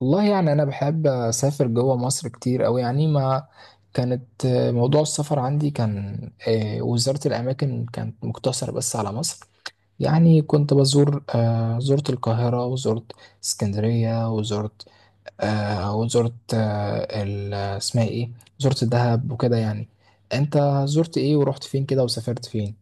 والله يعني انا بحب اسافر جوه مصر كتير أوي يعني. ما كانت آه، موضوع السفر عندي كان. وزارة الاماكن كانت مقتصرة بس على مصر. يعني كنت بزور، زرت القاهرة وزرت اسكندرية وزرت، اسمها ايه، زرت دهب وكده يعني. انت زرت ايه ورحت فين كده وسافرت فين؟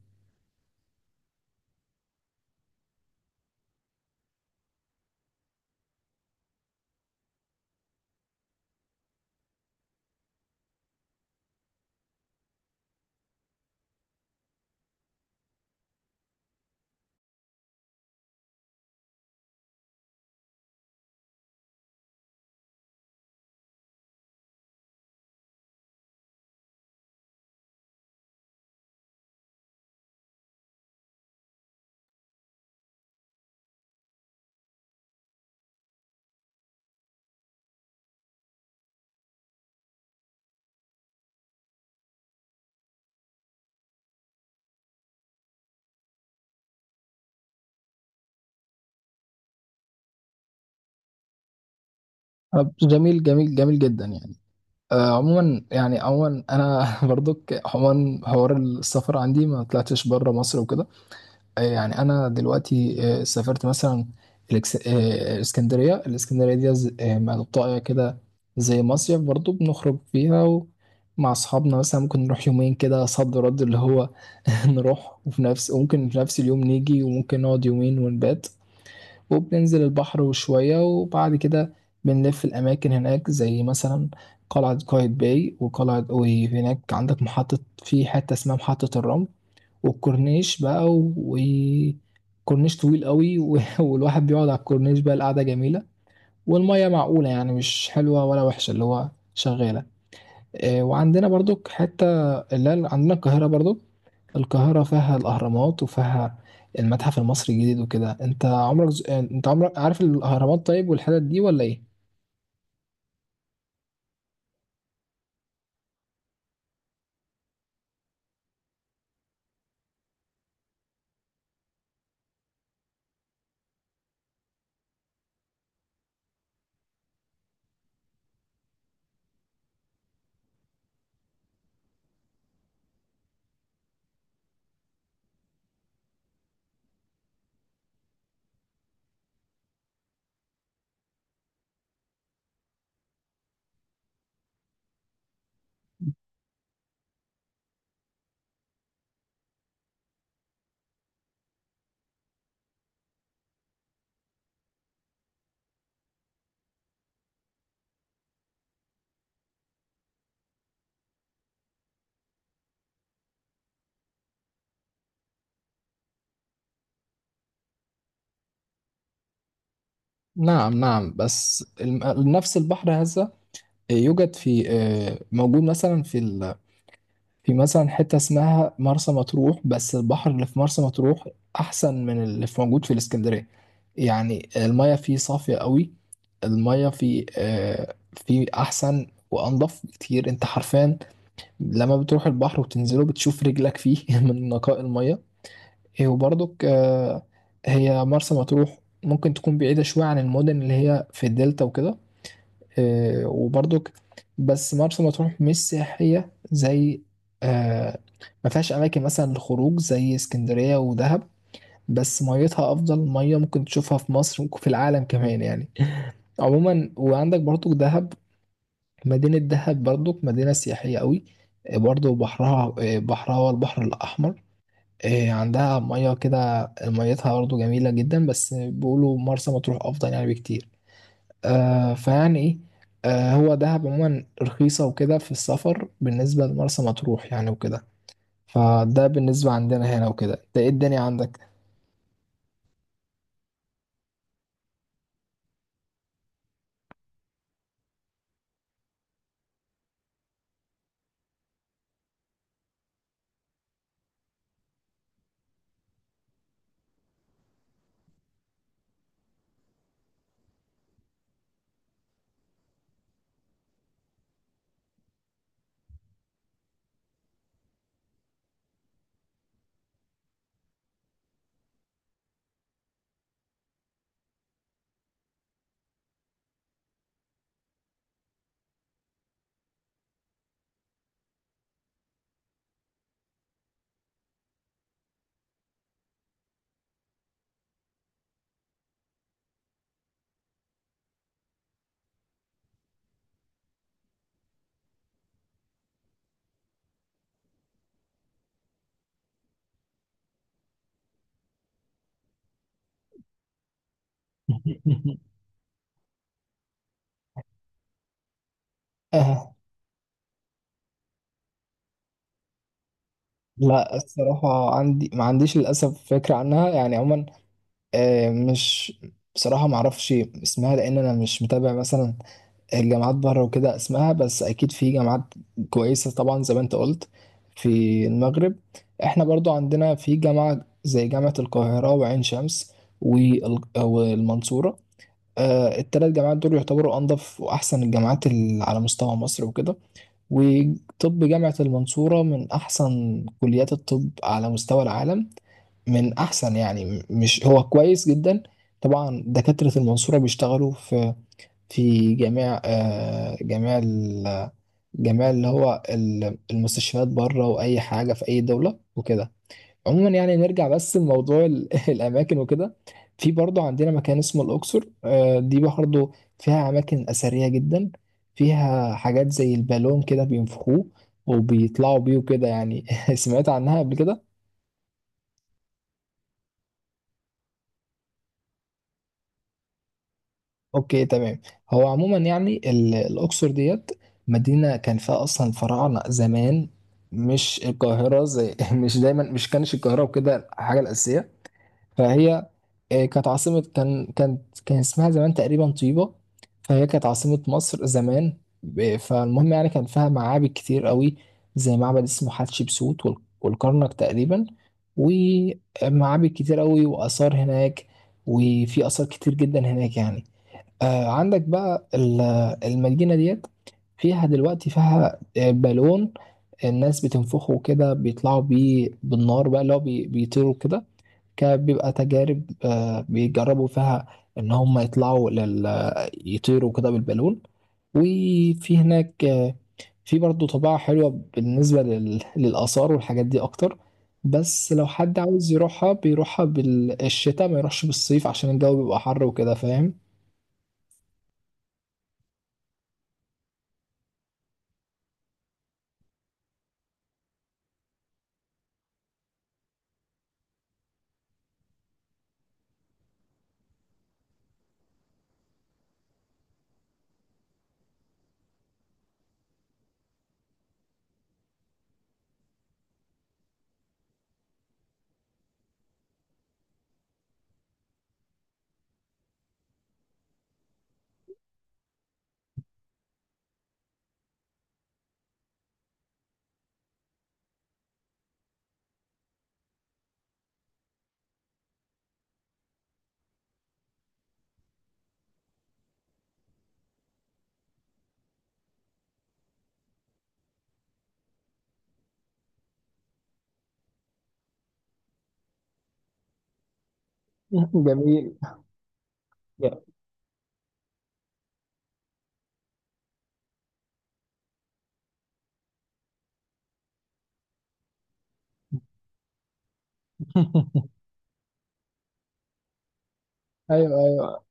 طب، جميل جميل جميل جدا يعني. عموما يعني عموما انا برضك عموما حوار السفر عندي ما طلعتش بره مصر وكده. يعني انا دلوقتي سافرت مثلا الاسكندريه دي منطقه كده زي مصيف، برضو بنخرج فيها مع اصحابنا. مثلا ممكن نروح يومين كده صد رد اللي هو نروح وفي نفس، وممكن في نفس اليوم نيجي، وممكن نقعد يومين ونبات وبننزل البحر وشوية. وبعد كده بنلف الأماكن هناك، زي مثلا قلعة قايتباي، وقلعة، وهناك عندك محطة في حتة اسمها محطة الرمل، والكورنيش بقى، وكورنيش طويل قوي والواحد بيقعد على الكورنيش، بقى القعدة جميلة والمية معقولة، يعني مش حلوة ولا وحشة، اللي هو شغالة. وعندنا برضو حتة اللي هي عندنا القاهرة. برضو القاهرة فيها الأهرامات وفيها المتحف المصري الجديد وكده. انت عمرك ز... آه، انت عمرك عارف الأهرامات، طيب والحتت دي ولا ايه؟ نعم نعم. نفس البحر هذا يوجد في، موجود مثلا في مثلا حتة اسمها مرسى مطروح. بس البحر اللي في مرسى مطروح أحسن من اللي موجود في الإسكندرية. يعني المياه فيه صافية قوي، المية في أحسن وأنضف بكتير. أنت حرفيا لما بتروح البحر وتنزله بتشوف رجلك فيه من نقاء المية. إيه، وبرضك هي مرسى مطروح ممكن تكون بعيدة شوية عن المدن اللي هي في الدلتا وكده. وبرضك بس مرسى مطروح مش سياحية زي، آه، ما فيهاش أماكن مثلا للخروج زي اسكندرية ودهب. بس ميتها أفضل مية ممكن تشوفها في مصر وفي العالم كمان يعني. عموما وعندك برضو دهب، مدينة دهب برضك مدينة سياحية قوي. برضو بحرها، بحرها هو البحر الأحمر. عندها مياه كده، ميتها برضو جميلة جدا، بس بيقولوا مرسى مطروح أفضل يعني بكتير. آه، فيعني إيه آه، هو دهب عموما رخيصة وكده في السفر بالنسبة لمرسى مطروح يعني وكده. فده بالنسبة عندنا هنا وكده، ده إيه الدنيا عندك؟ آه، لا الصراحة عندي ما عنديش للأسف فكرة عنها يعني عموما. آه، مش بصراحة ما اعرفش اسمها لان انا مش متابع مثلا الجامعات بره وكده اسمها. بس اكيد في جامعات كويسة طبعا زي ما انت قلت في المغرب. احنا برضو عندنا في جامعة زي جامعة القاهرة وعين شمس والمنصورة. 3 جامعات دول يعتبروا انضف واحسن الجامعات اللي على مستوى مصر وكده. وطب جامعة المنصورة من احسن كليات الطب على مستوى العالم، من احسن يعني مش هو كويس جدا. طبعا دكاترة المنصورة بيشتغلوا في في جميع آه، جميع ال- جميع اللي هو ال- المستشفيات بره واي حاجة في اي دولة وكده. عموما يعني نرجع بس لموضوع الاماكن وكده. في برضه عندنا مكان اسمه الاقصر. دي برضه فيها اماكن اثرية جدا، فيها حاجات زي البالون كده بينفخوه وبيطلعوا بيه وكده يعني. سمعت عنها قبل كده؟ اوكي تمام. هو عموما يعني الاقصر ديت مدينه كان فيها اصلا الفراعنه زمان، مش القاهره. زي مش دايما مش كانش القاهره وكده الحاجه الاساسيه. فهي كانت عاصمه، كان اسمها زمان تقريبا طيبه. فهي كانت عاصمه مصر زمان فالمهم يعني كان فيها معابد كتير قوي، زي معبد اسمه حتشبسوت والكرنك تقريبا، ومعابد كتير قوي واثار هناك. وفي اثار كتير جدا هناك يعني. آه، عندك بقى المدينة ديت فيها دلوقتي، فيها بالون الناس بتنفخه كده بيطلعوا بيه بالنار بقى، اللي هو بيطيروا كده. كان بيبقى تجارب بيجربوا فيها ان هم يطلعوا لل، يطيروا كده بالبالون. وفي هناك في برضه طباعة حلوة بالنسبة لل... للآثار والحاجات دي أكتر. بس لو حد عاوز يروحها بيروحها بالشتاء، ما يروحش بالصيف عشان الجو بيبقى حر وكده، فاهم؟ جميل. Yeah. ايوه ايوه.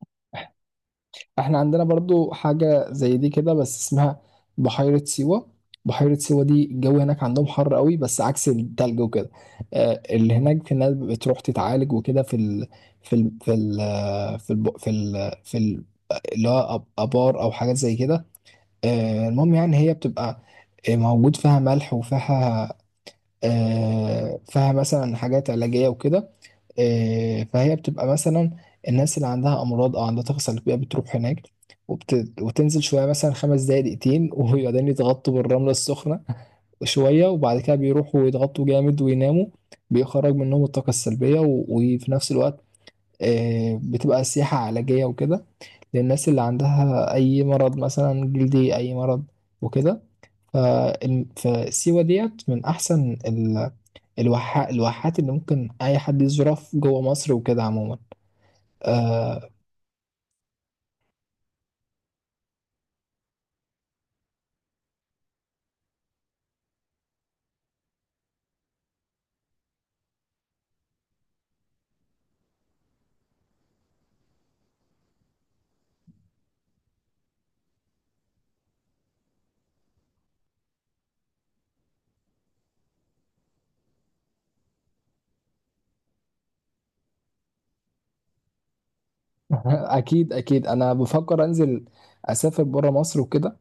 احنا عندنا برضو حاجه زي دي كده، بس اسمها بحيره سيوه. بحيره سيوه دي الجو هناك عندهم حر قوي بس عكس التلج وكده. اللي هناك في الناس بتروح تتعالج وكده في ال في ال في ال في ال اللي هو ابار او حاجات زي كده. المهم يعني هي بتبقى موجود فيها ملح وفيها، فيها مثلا حاجات علاجيه وكده. فهي بتبقى مثلا الناس اللي عندها امراض او عندها طاقه سلبيه بتروح هناك. وتنزل شويه مثلا 5 دقايق دقيقتين وبعدين يتغطوا بالرمله السخنه شويه. وبعد كده بيروحوا يتغطوا جامد ويناموا، بيخرج منهم الطاقه السلبيه. و... وفي نفس الوقت بتبقى سياحه علاجيه وكده للناس اللي عندها اي مرض مثلا جلدي اي مرض وكده. ف... فسيوة ديت من احسن ال... الواحات اللي ممكن اي حد يزورها في جوه مصر وكده عموما آه. اكيد اكيد، انا بفكر انزل اسافر بره مصر وكده.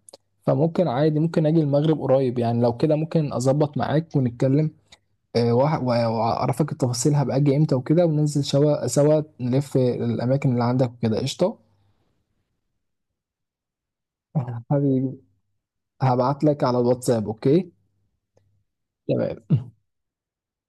فممكن عادي ممكن اجي المغرب قريب، يعني لو كده ممكن اظبط معاك ونتكلم. واعرفك التفاصيل هبقى اجي امتى وكده، وننزل سوا سوا نلف الاماكن اللي عندك وكده. قشطه. حبيبي، هبعت لك على الواتساب. اوكي تمام.